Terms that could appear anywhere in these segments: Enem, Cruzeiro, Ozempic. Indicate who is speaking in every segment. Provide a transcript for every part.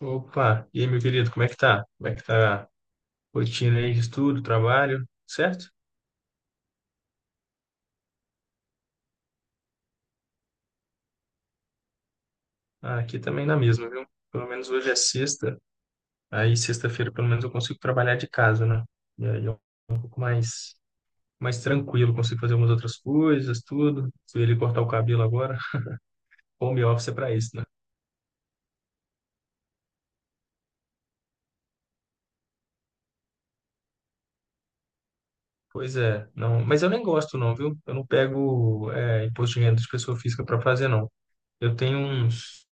Speaker 1: Opa, e aí, meu querido, como é que tá? Como é que tá a rotina aí de estudo, trabalho, certo? Ah, aqui também na mesma, viu? Pelo menos hoje é sexta, aí sexta-feira pelo menos eu consigo trabalhar de casa, né? E aí é um pouco mais tranquilo, consigo fazer umas outras coisas, tudo. Fui ele cortar o cabelo agora, home office é pra isso, né? Pois é, não, mas eu nem gosto não, viu? Eu não pego imposto de renda de pessoa física pra fazer, não. Eu tenho uns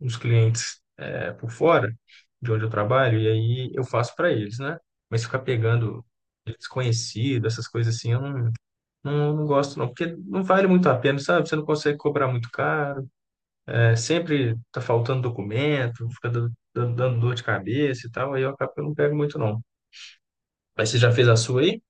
Speaker 1: os clientes por fora de onde eu trabalho, e aí eu faço para eles, né? Mas ficar pegando desconhecido, essas coisas assim, eu não gosto não, porque não vale muito a pena, sabe? Você não consegue cobrar muito caro, sempre tá faltando documento, fica dando dor de cabeça e tal, aí eu acabo que eu não pego muito não. Mas você já fez a sua aí?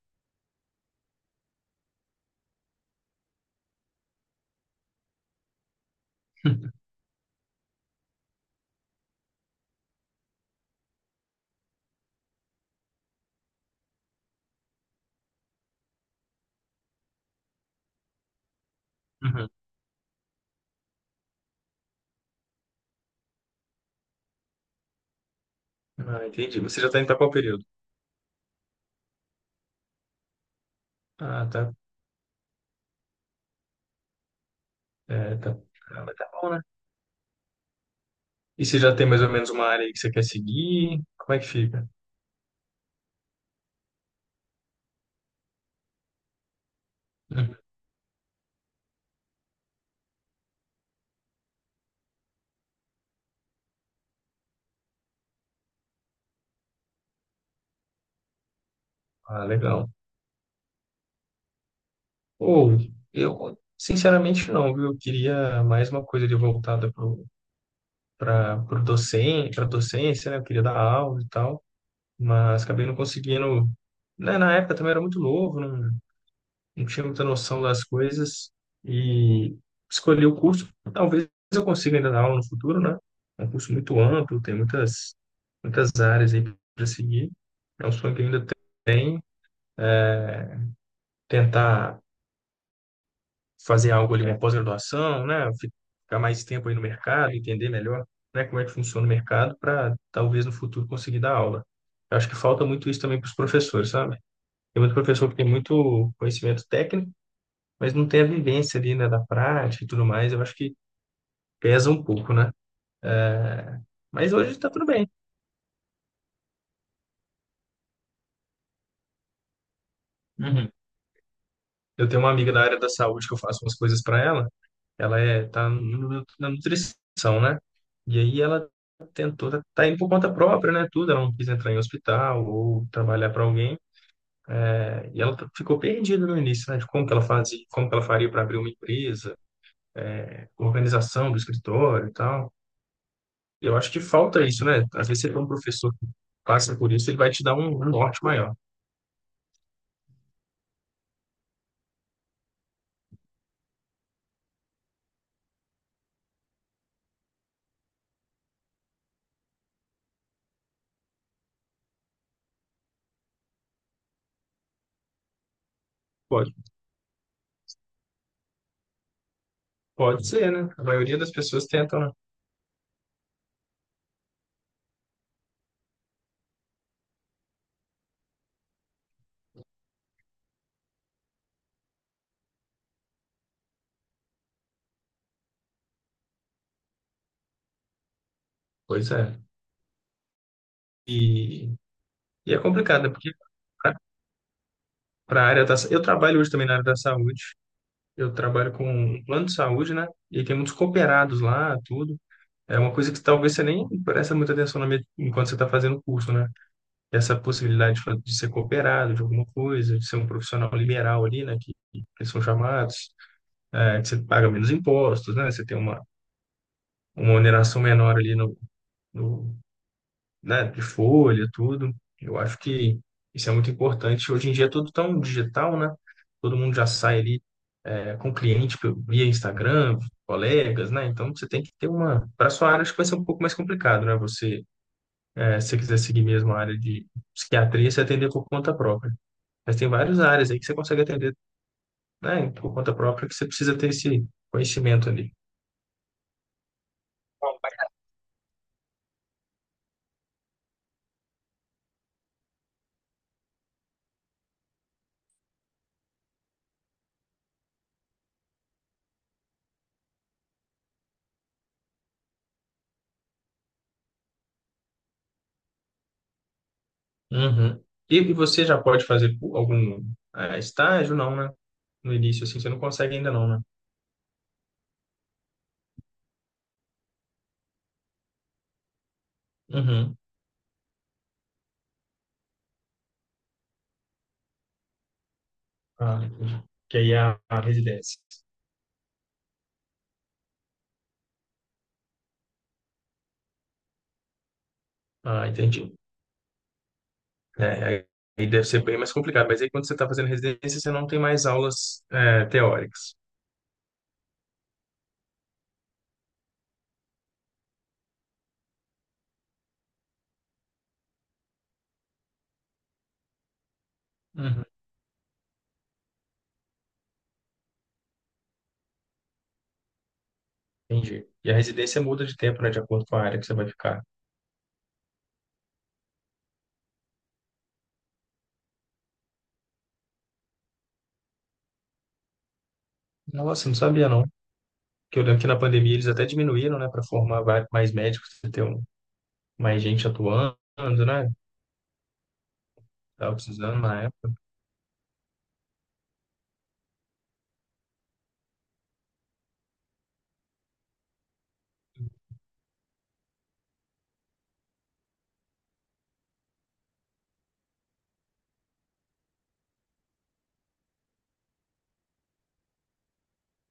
Speaker 1: Uhum. Ah, entendi. Você já está indo para qual período? Ah, tá. É, tá. Ah, mas tá bom, né? E você já tem mais ou menos uma área aí que você quer seguir? Como é que fica? Uhum. Ah, legal. Ou eu, sinceramente, não, viu? Eu queria mais uma coisa ali voltada para para docência, né? Eu queria dar aula e tal, mas acabei não conseguindo. Né, na época também era muito novo, não tinha muita noção das coisas e escolhi o curso. Talvez eu consiga ainda dar aula no futuro, né? É um curso muito amplo, tem muitas áreas aí para seguir. É um sonho que eu ainda tenho, tentar fazer algo ali. É, uma pós-graduação, né? Ficar mais tempo aí no mercado, entender melhor, né, como é que funciona o mercado para talvez no futuro conseguir dar aula. Eu acho que falta muito isso também para os professores, sabe? Tem muito professor que tem muito conhecimento técnico, mas não tem a vivência ali, né, da prática e tudo mais. Eu acho que pesa um pouco, né? É, Mas hoje está tudo bem. Uhum. Eu tenho uma amiga da área da saúde que eu faço umas coisas para ela. Ela tá na nutrição, né? E aí ela tentou, tá indo por conta própria, né? Tudo, ela não quis entrar em hospital ou trabalhar para alguém. Né? E ela ficou perdida no início, né? De como que ela fazia, como que ela faria para abrir uma empresa, organização do escritório e tal. Eu acho que falta isso, né? Às vezes você tem um professor que passa por isso, ele vai te dar um norte maior. Pode, pode ser, né? A maioria das pessoas tentam, né? Pois é. E, e é complicado, né? Porque para a área Eu trabalho hoje também na área da saúde. Eu trabalho com um plano de saúde, né? E tem muitos cooperados lá, tudo. É uma coisa que talvez você nem presta muita atenção na enquanto você está fazendo o curso, né? Essa possibilidade de de ser cooperado de alguma coisa, de ser um profissional liberal ali, né? Que eles são chamados, é, que você paga menos impostos, né? Você tem uma oneração menor ali no né, de folha, tudo. Eu acho que isso é muito importante. Hoje em dia é tudo tão digital, né? Todo mundo já sai ali com cliente via Instagram, colegas, né? Então você tem que ter uma. Para sua área, acho que vai ser um pouco mais complicado, né? Você, é, se você quiser seguir mesmo a área de psiquiatria, você atender por conta própria. Mas tem várias áreas aí que você consegue atender, né, por conta própria, que você precisa ter esse conhecimento ali. Uhum. E você já pode fazer algum estágio? Não, né? No início, assim, você não consegue ainda não, né? Uhum. Ah, entendi. Que aí é a residência. Ah, entendi. É, aí deve ser bem mais complicado, mas aí quando você está fazendo residência, você não tem mais aulas teóricas. Uhum. Entendi. E a residência muda de tempo, né, de acordo com a área que você vai ficar. Nossa, não sabia não. Porque eu lembro que na pandemia eles até diminuíram, né, para formar mais médicos, pra ter mais gente atuando, né? Tava precisando na época.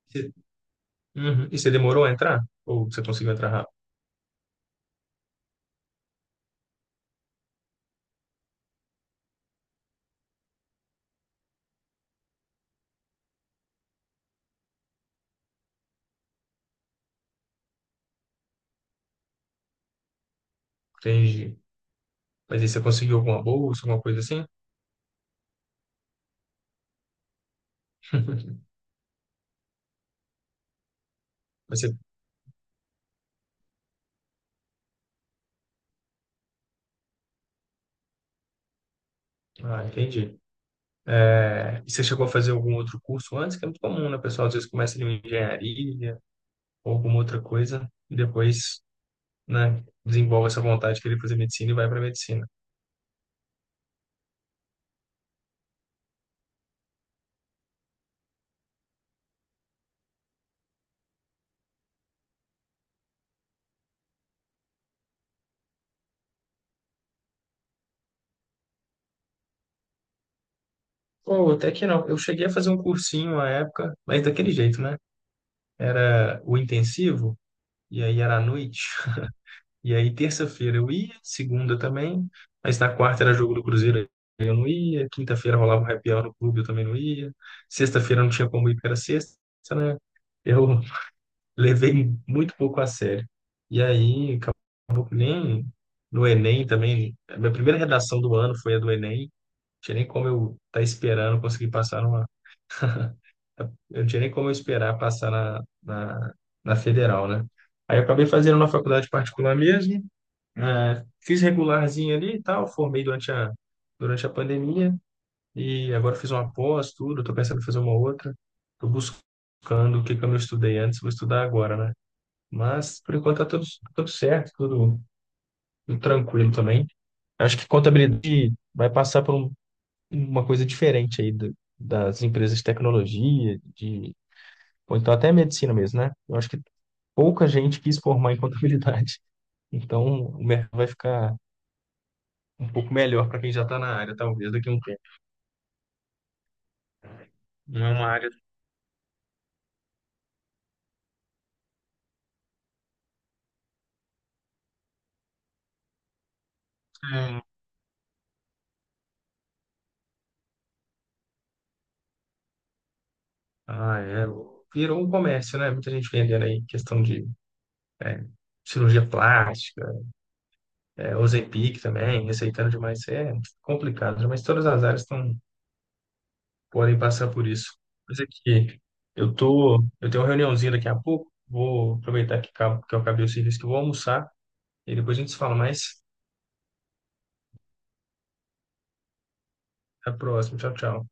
Speaker 1: Você- Uhum. E você demorou a entrar? Ou você conseguiu entrar rápido? Entendi. Mas aí você conseguiu alguma bolsa, alguma coisa assim? Você... Ah, entendi. É, e você chegou a fazer algum outro curso antes? Que é muito comum, né, pessoal? Às vezes começa ali uma engenharia ou alguma outra coisa e depois, né, desenvolve essa vontade de querer fazer medicina e vai para medicina. Ou até que não. Eu cheguei a fazer um cursinho à época, mas daquele jeito, né? Era o intensivo e aí era à noite. E aí, terça-feira eu ia, segunda também, mas na quarta era jogo do Cruzeiro, aí eu não ia, quinta-feira rolava um happy hour no clube, eu também não ia, sexta-feira não tinha como ir, porque era sexta, né? Eu levei muito pouco a sério. E aí, acabou que nem no Enem também, a minha primeira redação do ano foi a do Enem, não tinha nem como eu estar esperando conseguir passar numa. Eu não tinha nem como eu esperar passar na federal, né? Aí eu acabei fazendo na faculdade particular mesmo. É, fiz regularzinho ali e tal, formei durante a pandemia e agora fiz uma pós, tudo, tô pensando em fazer uma outra. Tô buscando o que que eu não estudei antes, vou estudar agora, né? Mas por enquanto tá tudo certo, tudo tranquilo também. Acho que contabilidade vai passar por uma coisa diferente aí das empresas de tecnologia, de, ou então até medicina mesmo, né? Eu acho que pouca gente quis formar em contabilidade. Então, o mercado vai ficar um pouco melhor para quem já está na área, talvez, daqui a um tempo. Não é uma área que... Ah, é. Virou um comércio, né? Muita gente vendendo aí questão de é, cirurgia plástica, é, Ozempic também, receitando demais. É complicado, né? Mas todas as áreas estão, podem passar por isso. Mas é que eu tô, eu tenho uma reuniãozinha daqui a pouco, vou aproveitar que eu acabei o serviço que eu vou almoçar e depois a gente se fala mais. Até a próxima. Tchau, tchau.